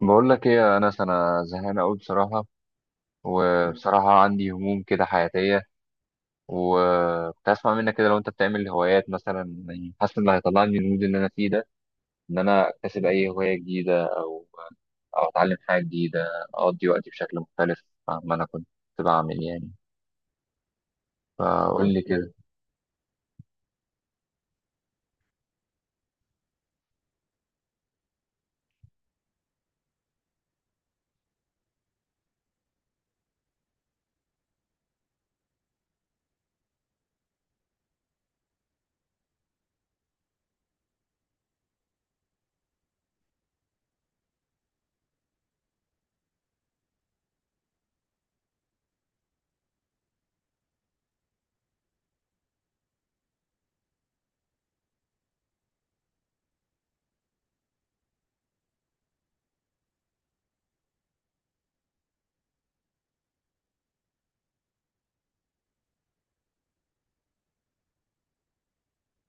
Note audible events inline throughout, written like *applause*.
بقول لك ايه يا انس؟ انا زهقان قوي بصراحه، وبصراحه عندي هموم كده حياتيه. وكنت اسمع منك كده، لو انت بتعمل هوايات مثلا، يعني حاسس ان اللي هيطلعني المود اللي انا فيه ده، ان انا اكتسب اي هوايه جديده، او اتعلم حاجه جديده، اقضي وقتي بشكل مختلف عما انا كنت بعمل يعني. فقول لي كده.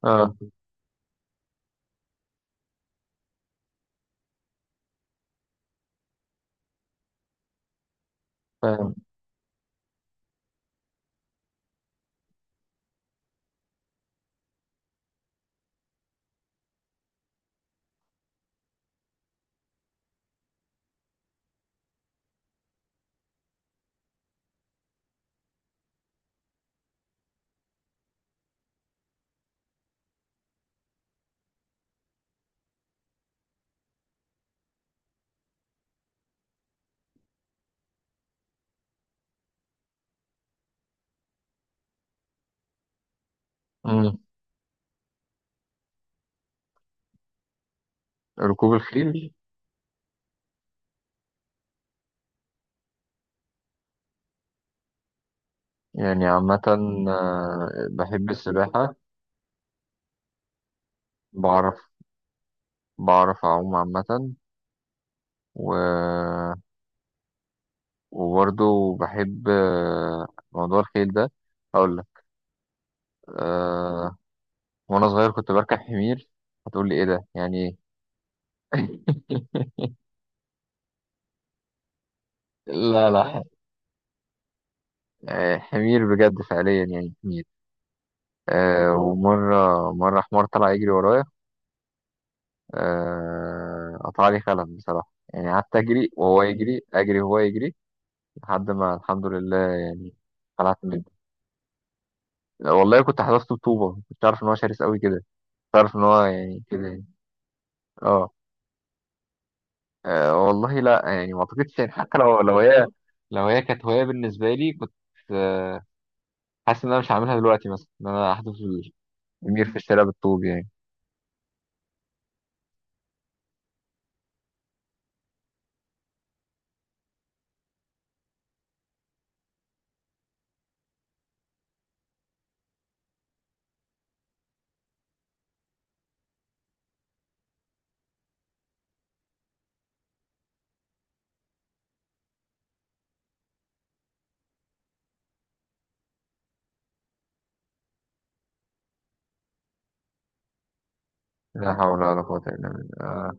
اه. فاهم. أمم. ركوب الخيل. يعني عامه، بحب السباحه. بعرف بعرف اعوم عامه. و وبرضه بحب موضوع الخيل ده. هقول لك. أه وانا صغير كنت بركب حمير. هتقول لي ايه ده؟ يعني ايه؟ *laughs* لا لا. حمير بجد، فعليا يعني حمير. ومرة، حمار طلع يجري ورايا. قطع لي خلف بصراحة. يعني قعدت أجري وهو يجري، أجري وهو يجري، لحد ما الحمد لله يعني. خلعت منه. والله كنت حذفته بطوبة، كنت عارف إن هو شرس أوي كده، كنت عارف إن هو يعني كده يعني. اه. أه، والله لا، يعني ما اعتقدش يعني. حتى لو لو هي كانت هوايه بالنسبه لي، كنت أه، حاسس ان انا مش هعملها دلوقتي، مثلا ان انا احذف المير في الشارع بالطوب يعني. لا حول ولا قوه الا بالله. اه.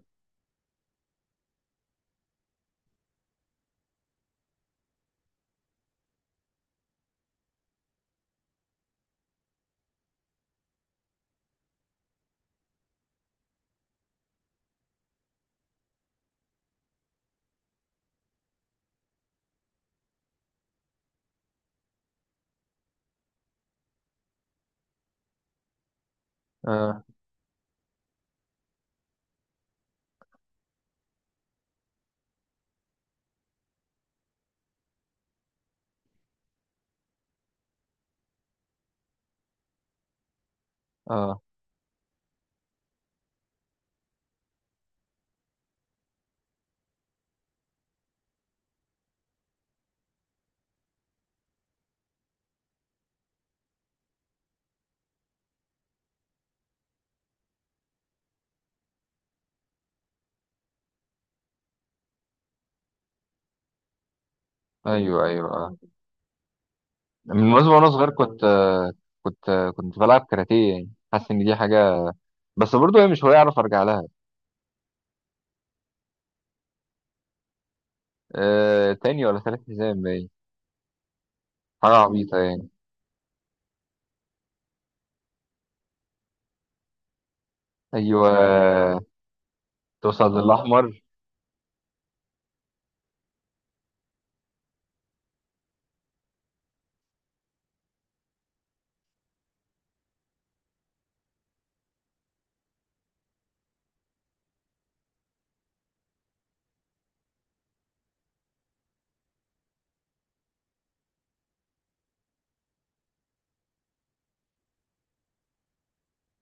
اه. اه. ايوه ايوه، اه. من وأنا صغير كنت بلعب كاراتيه، يعني حاسس ان دي حاجه، بس برضه هي مش هوايه اعرف ارجع لها. أه. تاني ولا تالت حزام باين. حاجه عبيطه يعني. ايوه. توصل للاحمر.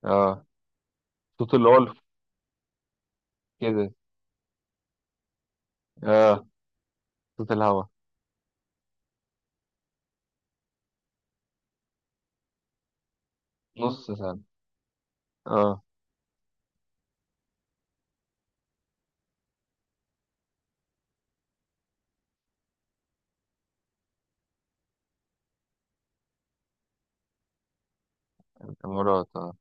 اه. صوت اللي هو كده. اه، صوت الهوا. نص سنة. اه. الإمارات، اه.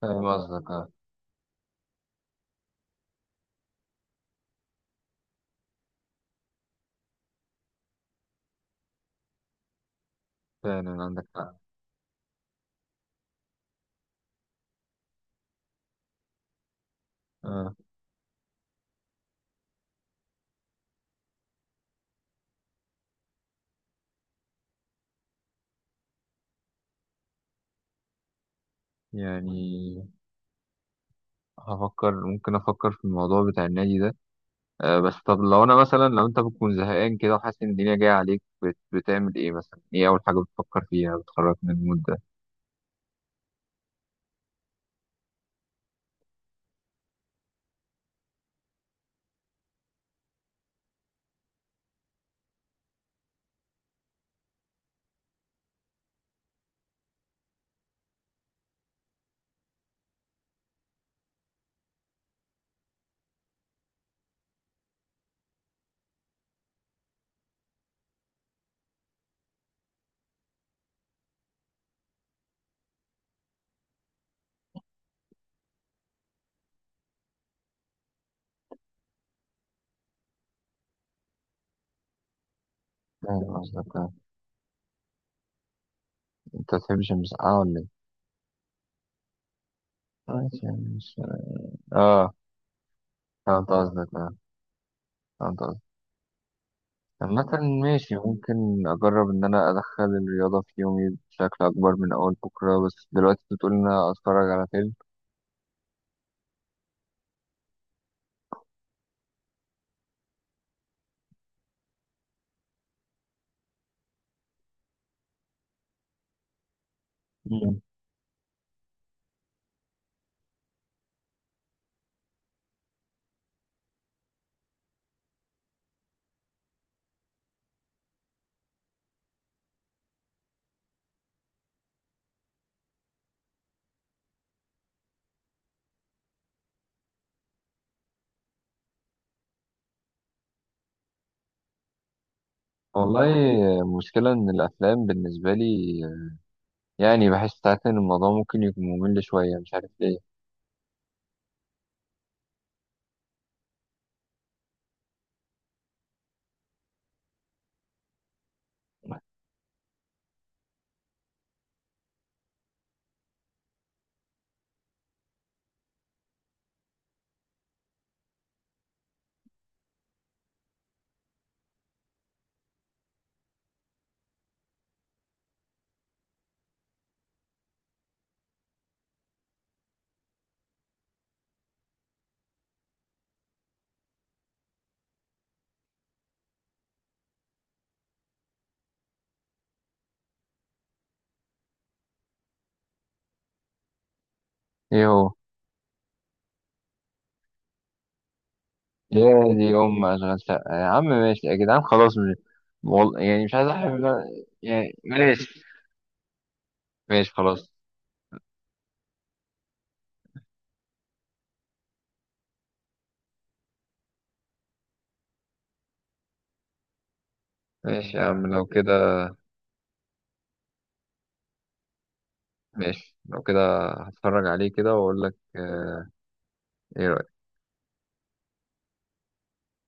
فاهم قصدك، اه. فعلا عندك حق. اه، يعني هفكر. ممكن أفكر في الموضوع بتاع النادي ده. آه، بس طب لو أنا مثلا، لو أنت بتكون زهقان كده وحاسس إن الدنيا جاية عليك، بتعمل إيه مثلا؟ إيه أول حاجة بتفكر فيها بتخرج من المود ده؟ فاهم قصدك، اه. أنت ما بتحبش المسقعة ولا إيه؟ ماشي، يعني مش. اه. فهمت قصدك، اه. فهمت. مثلا ماشي، ممكن أجرب إن أنا أدخل الرياضة في يومي بشكل أكبر من أول بكرة. بس دلوقتي أنت بتقول إن أنا أتفرج على فيلم. مم. والله، المشكلة إن الأفلام بالنسبة لي، يعني بحس ساعات إن الموضوع ممكن يكون ممل شوية، مش عارف ليه. إيه هو؟ يا دي أم، أشغال شقة يا عم. ماشي يا جدعان، خلاص مش يعني مش عايز أحب. يعني ماشي. ماشي خلاص. ماشي يا عم، لو كده. ماشي، لو كده هتفرج عليه كده وأقول لك. إيه رأيك؟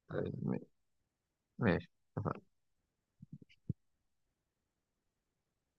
طيب، ماشي، اتفقنا.